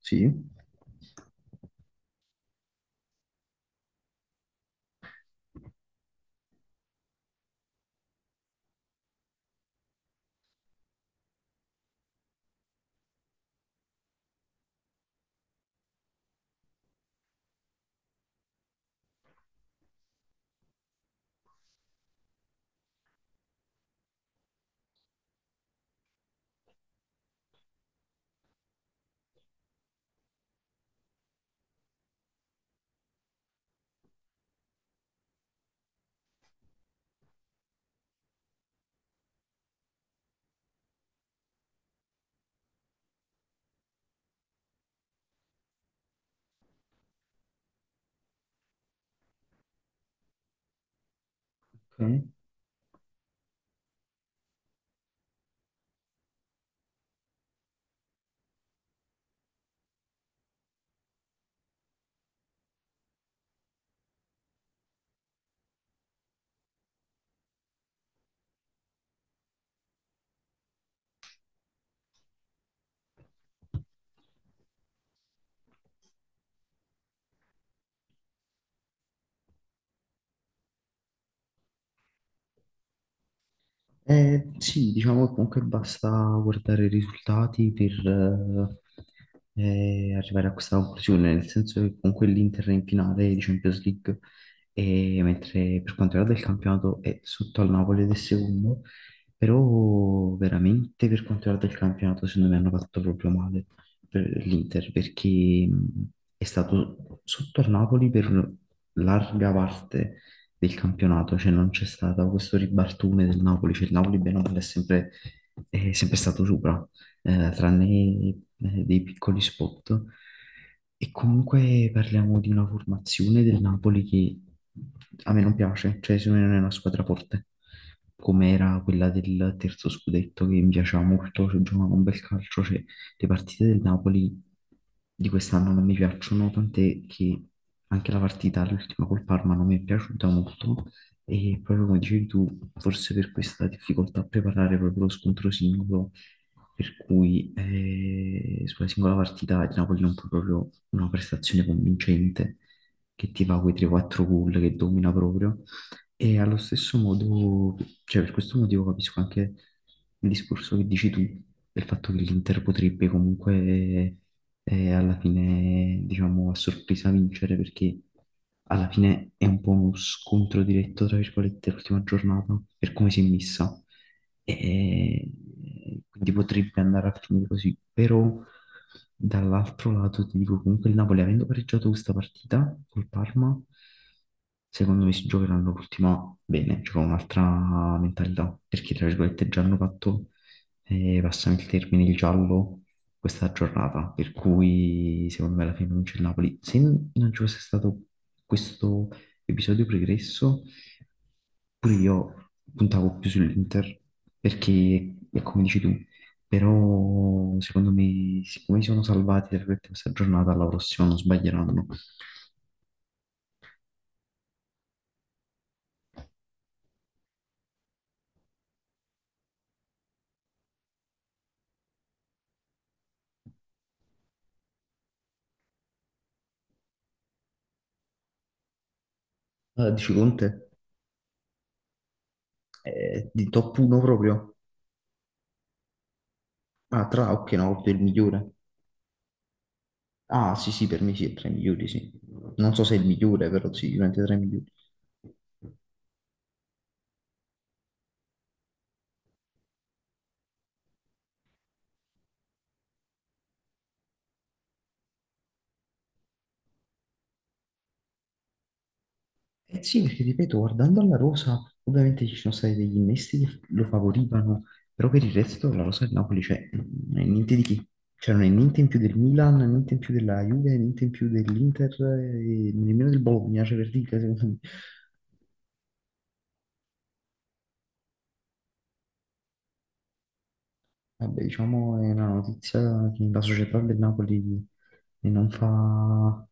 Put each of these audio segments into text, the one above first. Sì. Ok. Sì, diciamo che comunque basta guardare i risultati per arrivare a questa conclusione, nel senso che comunque l'Inter è in finale di Champions League, e mentre per quanto riguarda il campionato è sotto al Napoli ed è secondo, però veramente per quanto riguarda il campionato secondo me hanno fatto proprio male per l'Inter, perché è stato sotto al Napoli per larga parte del campionato, cioè non c'è stato questo ribaltone del Napoli, cioè il Napoli bene o male è sempre stato sopra, tranne dei piccoli spot. E comunque parliamo di una formazione del Napoli che a me non piace, cioè secondo me non è una squadra forte, come era quella del terzo scudetto che mi piaceva molto, cioè giocava un bel calcio, cioè le partite del Napoli di quest'anno non mi piacciono, tant'è che anche la partita, l'ultima col Parma, non mi è piaciuta molto, e proprio come dicevi tu, forse per questa difficoltà a preparare proprio lo scontro singolo, per cui sulla singola partita il Napoli non fa proprio una prestazione convincente che ti fa quei 3-4 gol che domina proprio. E allo stesso modo, cioè per questo motivo capisco anche il discorso che dici tu, del fatto che l'Inter potrebbe comunque, e alla fine, diciamo, a sorpresa vincere, perché alla fine è un po' uno scontro diretto, tra virgolette, l'ultima giornata per come si è messa. E quindi potrebbe andare a finire così, però dall'altro lato ti dico comunque il Napoli, avendo pareggiato questa partita col Parma, secondo me si giocheranno l'ultima bene, cioè con un'altra mentalità, perché tra virgolette già hanno fatto, passami il termine, il giallo questa giornata, per cui secondo me alla fine vince il Napoli. Se non ci fosse stato questo episodio pregresso, pure io puntavo più sull'Inter, perché è come dici tu, però secondo me, siccome si sono salvati tra virgolette questa giornata, alla prossima non sbaglieranno. Allora, dici Conte, di top 1 proprio? Ah, ok, no, Conte è il migliore. Ah, sì, sì, per me sì, è tra i migliori, sì. Non so se è il migliore, però sì, sicuramente tra i migliori. Eh sì, perché ripeto, guardando alla rosa, ovviamente ci sono stati degli innesti che lo favorivano, però per il resto la rosa del Napoli, cioè, non è niente di che. Cioè, non è niente in più del Milan, niente in più della Juve, niente in più dell'Inter, e nemmeno del Bologna, cioè per dire, secondo me. Vabbè, diciamo, è una notizia che la società del Napoli non fa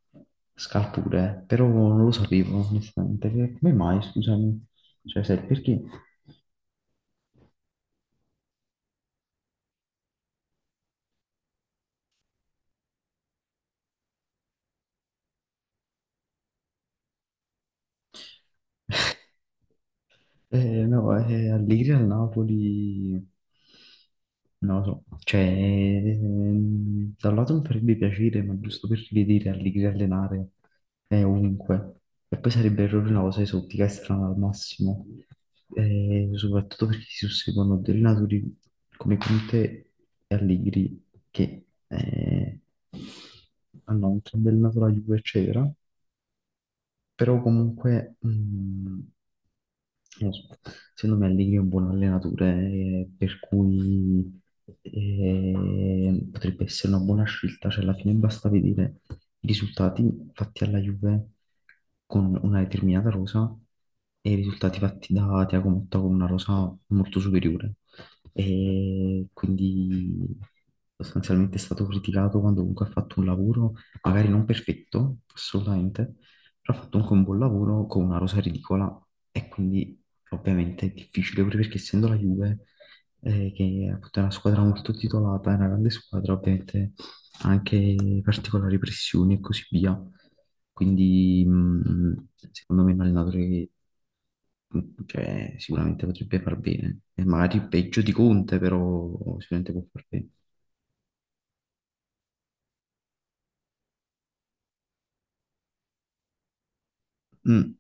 scalpore, però non lo sapevo, onestamente. Che- Come mai, scusami? Cioè, sai, perché? No, Allegri al Napoli, non lo so, cioè, da un lato mi farebbe piacere, ma giusto per rivedere Allegri allenare è ovunque, e poi sarebbe errore una cosa esotica e strana al massimo. Soprattutto perché si susseguono due allenatori come Conte e Allegri, che hanno un bel nato la Juve, eccetera, però comunque, non lo so, secondo me Allegri è un buon allenatore, per cui potrebbe essere una buona scelta, cioè alla fine basta vedere i risultati fatti alla Juve con una determinata rosa e i risultati fatti da Thiago Motta con una rosa molto superiore. E quindi sostanzialmente è stato criticato quando comunque ha fatto un lavoro magari non perfetto, assolutamente, però ho fatto comunque un buon lavoro con una rosa ridicola, e quindi ovviamente è difficile pure, perché essendo la Juve, che appunto è una squadra molto titolata, è una grande squadra, ovviamente ha anche particolari pressioni e così via. Quindi secondo me è un allenatore che mh, cioè, sicuramente potrebbe far bene, e magari peggio di Conte, però sicuramente può far bene. Mm,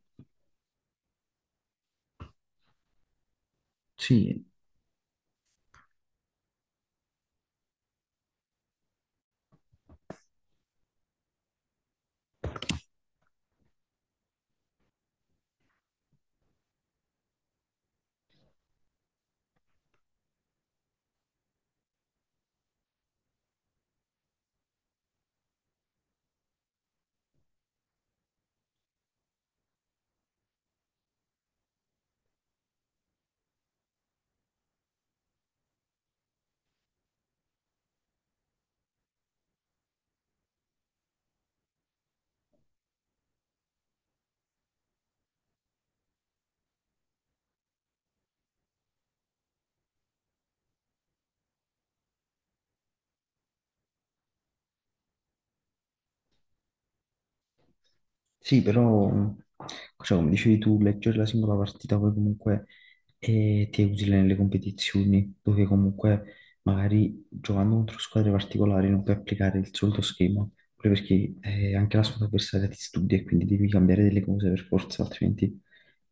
sì. Sì, però, cioè, come dicevi tu, leggere la singola partita poi comunque ti è utile nelle competizioni, dove comunque magari giocando contro squadre particolari non puoi applicare il solito schema, proprio perché anche la squadra avversaria ti studia e quindi devi cambiare delle cose per forza, altrimenti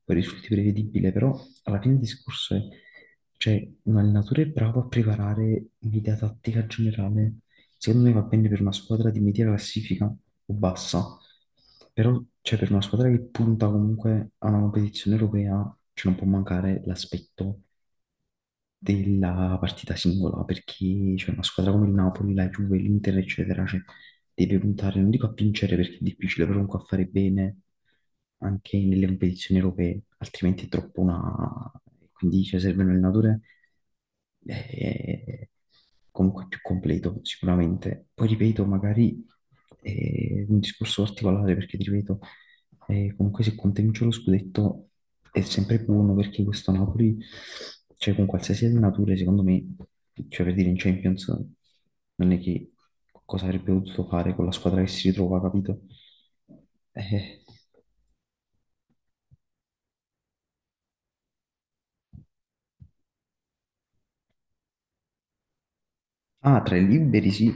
poi risulti prevedibile. Però alla fine del discorso è, cioè, un allenatore è bravo a preparare un'idea tattica generale. Secondo me va bene per una squadra di media classifica o bassa, però cioè, per una squadra che punta comunque a una competizione europea, cioè, non può mancare l'aspetto della partita singola, perché c'è una squadra come il Napoli, la Juve, l'Inter, eccetera, cioè, deve puntare, non dico a vincere perché è difficile, però comunque a fare bene anche nelle competizioni europee, altrimenti è troppo una... Quindi cioè, serve un allenatore eh, comunque più completo, sicuramente. Poi ripeto, magari è un discorso particolare perché, ti ripeto, e comunque se Conte vince lo scudetto è sempre buono, perché questo Napoli, cioè con qualsiasi allenatore, secondo me, cioè per dire in Champions, non è che cosa avrebbe potuto fare con la squadra che si ritrova, capito? Eh, Ah, tra i liberi sì.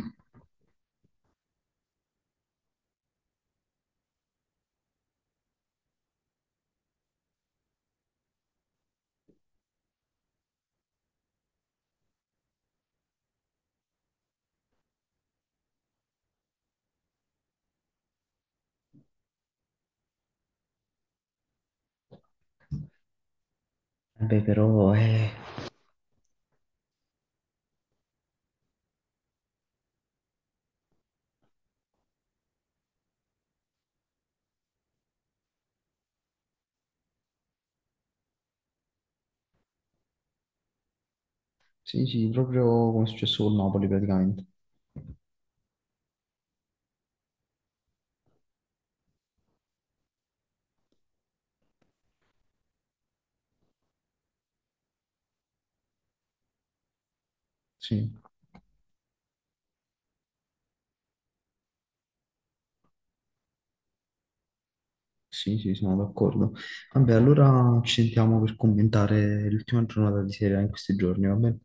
Vabbè, però sì, sì, proprio come è successo con Napoli praticamente. Sì, sì, sì, sono d'accordo. Vabbè, allora ci sentiamo per commentare l'ultima giornata di Serie A in questi giorni, va bene?